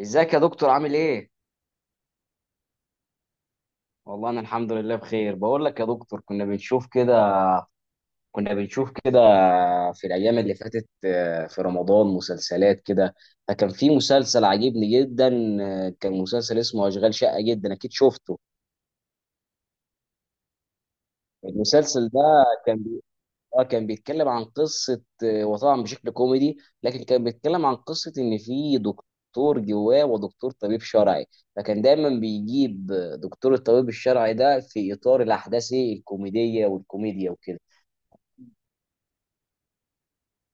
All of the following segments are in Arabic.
ازيك يا دكتور عامل ايه؟ والله انا الحمد لله بخير، بقول لك يا دكتور، كنا بنشوف كده في الايام اللي فاتت، في رمضان مسلسلات كده، فكان في مسلسل عجبني جدا. كان مسلسل اسمه اشغال شقة، جدا اكيد شفته. المسلسل ده اه كان بيتكلم عن قصة، وطبعا بشكل كوميدي، لكن كان بيتكلم عن قصة ان في دكتور جواه ودكتور طبيب شرعي، فكان دايما بيجيب دكتور الطبيب الشرعي ده في اطار الاحداث الكوميدية والكوميديا وكده.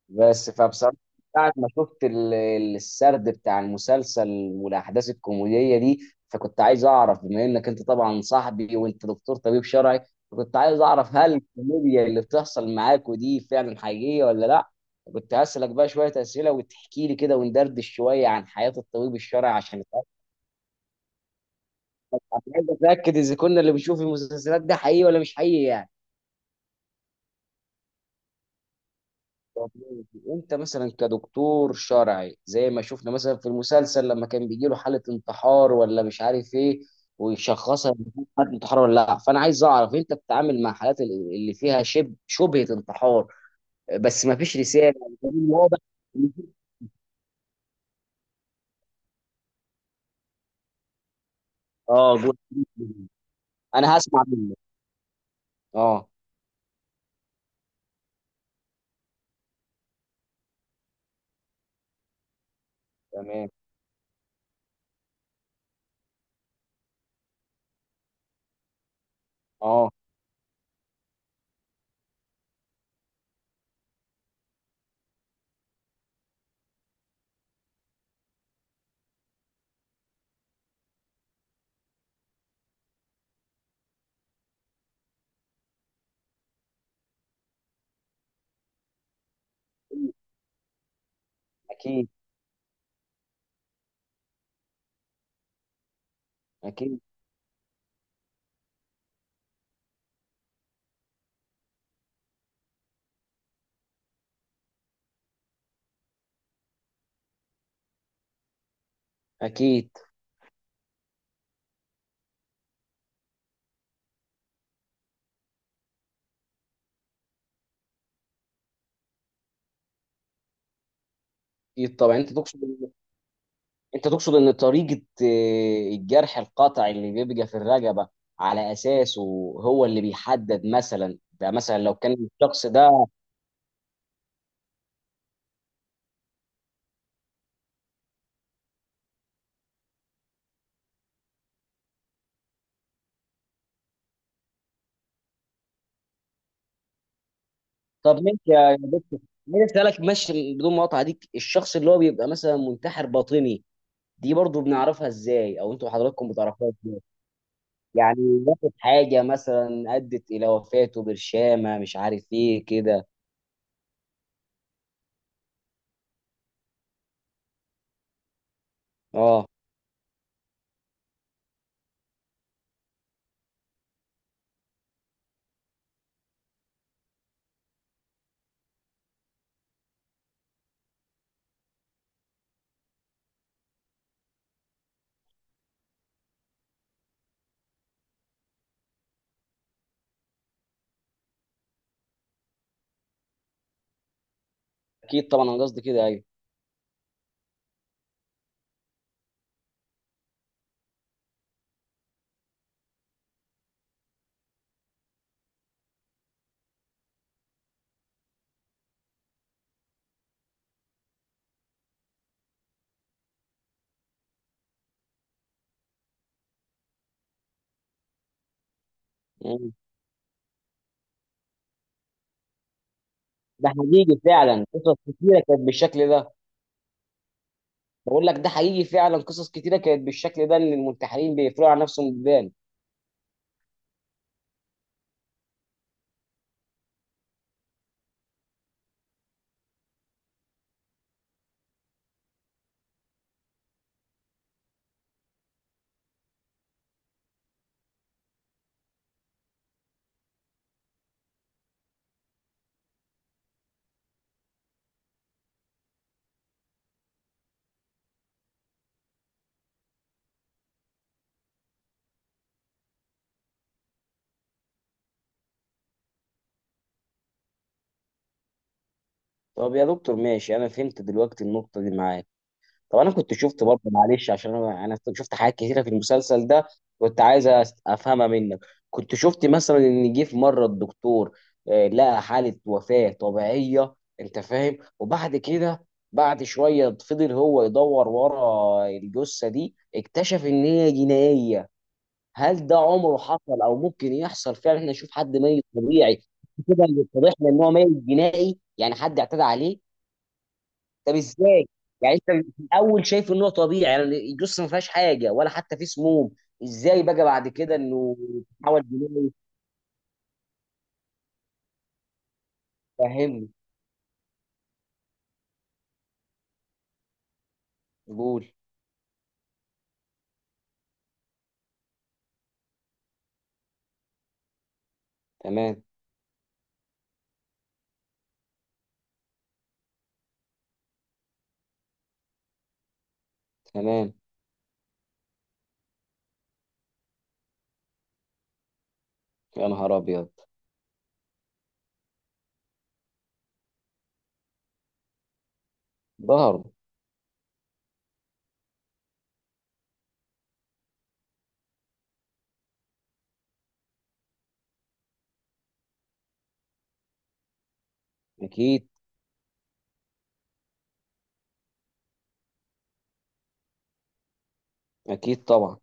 بس فبصراحة، بعد ما شفت السرد بتاع المسلسل والأحداث الكوميدية دي، فكنت عايز أعرف بما إنك أنت طبعا صاحبي وأنت دكتور طبيب شرعي، فكنت عايز أعرف هل الكوميديا اللي بتحصل معاك ودي فعلا حقيقية ولا لأ. كنت هسألك بقى شوية أسئلة وتحكي لي كده، وندردش شوية عن حياة الطبيب الشرعي، عشان أنا عايز أتأكد إذا كنا اللي بنشوف المسلسلات ده حقيقي ولا مش حقيقي يعني. طب ماشي. انت مثلا كدكتور شرعي، زي ما شفنا مثلا في المسلسل لما كان بيجي له حاله انتحار ولا مش عارف ايه، ويشخصها إن دي حاله انتحار ولا لا، فانا عايز اعرف انت بتتعامل مع حالات اللي فيها شبهه انتحار بس ما فيش رساله يعني دليل واضح. إن في- اه جوه. انا هسمع منك. اه. تمام. اه. اكيد. اكيد. اكيد. اكيد طبعا، انت تقصد، انت تقصد ان طريقة الجرح القطع اللي بيبقى في الرقبة، على اساسه هو اللي بيحدد، مثلا ده، مثلا لو كان الشخص ده. طب ماشي يا دكتور، مين اسالك ماشي بدون مقاطعة، ديك الشخص اللي هو بيبقى مثلا منتحر باطني، دي برضو بنعرفها ازاي، او انتوا حضراتكم بتعرفوها ازاي؟ يعني واخد حاجة مثلا ادت الى وفاته، برشامة مش عارف ايه كده. اه اكيد طبعا، انا قصدي كده ايوه. مم. ده حقيقي فعلا، قصص كتيرة كانت بالشكل ده. بقول لك ده حقيقي فعلا، قصص كتيره كانت بالشكل ده، ان المنتحرين بيقفلوا على نفسهم بيبان. طب يا دكتور ماشي، انا فهمت دلوقتي النقطه دي معاك. طب انا كنت شفت برضه، معلش، عشان انا شفت حاجات كتيره في المسلسل ده، كنت عايز افهمها منك. كنت شفت مثلا ان جه في مره الدكتور، لقى حاله وفاه طبيعيه، انت فاهم، وبعد كده بعد شويه فضل هو يدور ورا الجثه دي، اكتشف ان هي جنائيه. هل ده عمره حصل او ممكن يحصل فعلا، احنا نشوف حد ميت طبيعي كده، اللي اتضح لنا ان هو ميت جنائي يعني حد اعتدى عليه؟ طب ازاي؟ يعني انت في الاول شايف ان هو طبيعي، يعني الجثه ما فيهاش حاجه ولا حتى في سموم، ازاي بقى بعد كده انه تحول جنائي؟ فهمني. قول. تمام. تمام. يا نهار ابيض. ظهر. اكيد. اكيد طبعا.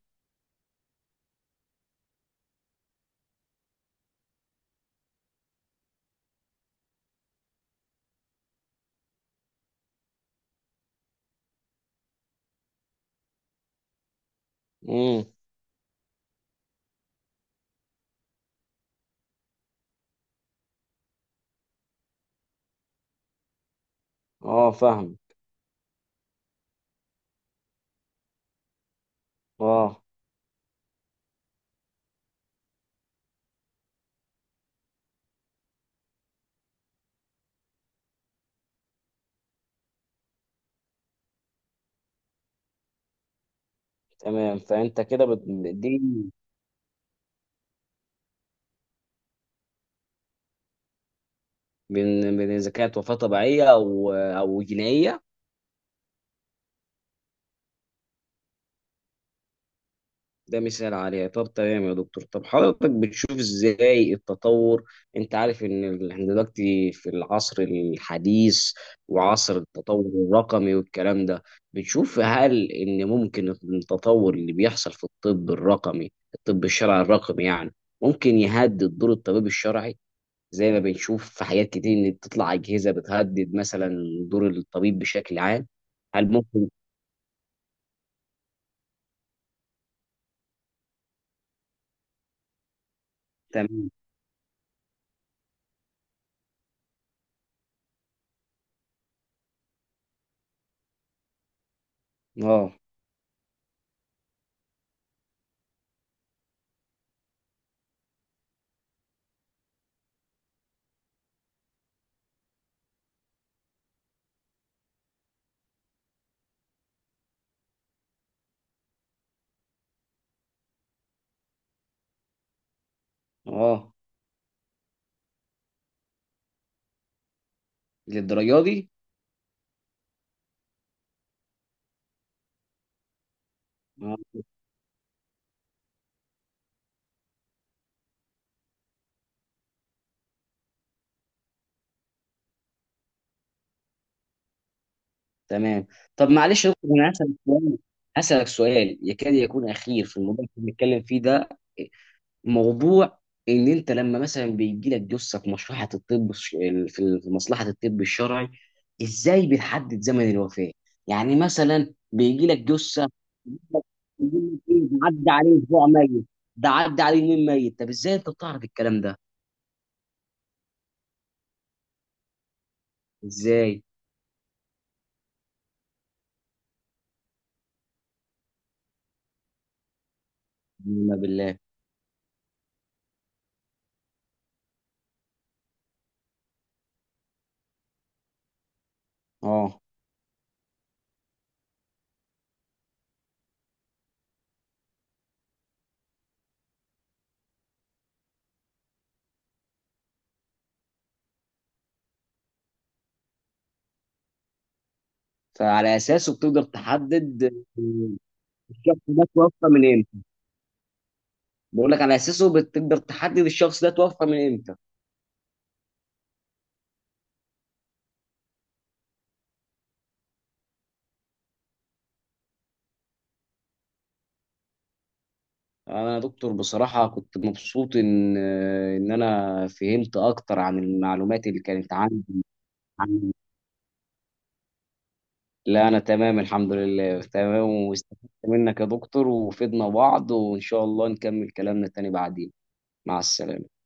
امم. اه فاهم. اه. تمام، فانت كده بت... دي، بين بين اذا كانت وفاه طبيعيه او جنائيه. ده مثال عليها. طب تمام يا دكتور، طب حضرتك بتشوف ازاي التطور، انت عارف ان احنا دلوقتي في العصر الحديث، وعصر التطور الرقمي والكلام ده. بتشوف هل ان ممكن التطور اللي بيحصل في الطب الرقمي، الطب الشرعي الرقمي يعني، ممكن يهدد دور الطبيب الشرعي، زي ما بنشوف في حاجات كتير ان بتطلع اجهزه بتهدد مثلا دور الطبيب بشكل عام؟ هل ممكن؟ تمام. اه. اه، للدرجه دي. آه. تمام. طب معلش يا دكتور، انا هسألك سؤال، هسألك سؤال يكاد يكون اخير في الموضوع اللي بنتكلم فيه ده، موضوع ان انت لما مثلا بيجي لك جثه في في مصلحه الطب الشرعي، ازاي بتحدد زمن الوفاه؟ يعني مثلا بيجي لك جثه، بيقول لك ده عدى عليه اسبوع ميت، ده عدى عليه يومين ميت، طب ازاي انت بتعرف الكلام ده؟ ازاي؟ بالله بالله. اه، فعلى اساسه بتقدر تحدد الشخص ده توفى من امتى؟ بقول لك على اساسه بتقدر تحدد الشخص ده توفى من امتى. انا يا دكتور بصراحه كنت مبسوط ان انا فهمت اكتر عن المعلومات اللي كانت عندي. عن، لا انا تمام الحمد لله، تمام واستفدت منك يا دكتور، وفدنا بعض، وان شاء الله نكمل كلامنا تاني بعدين. مع السلامه.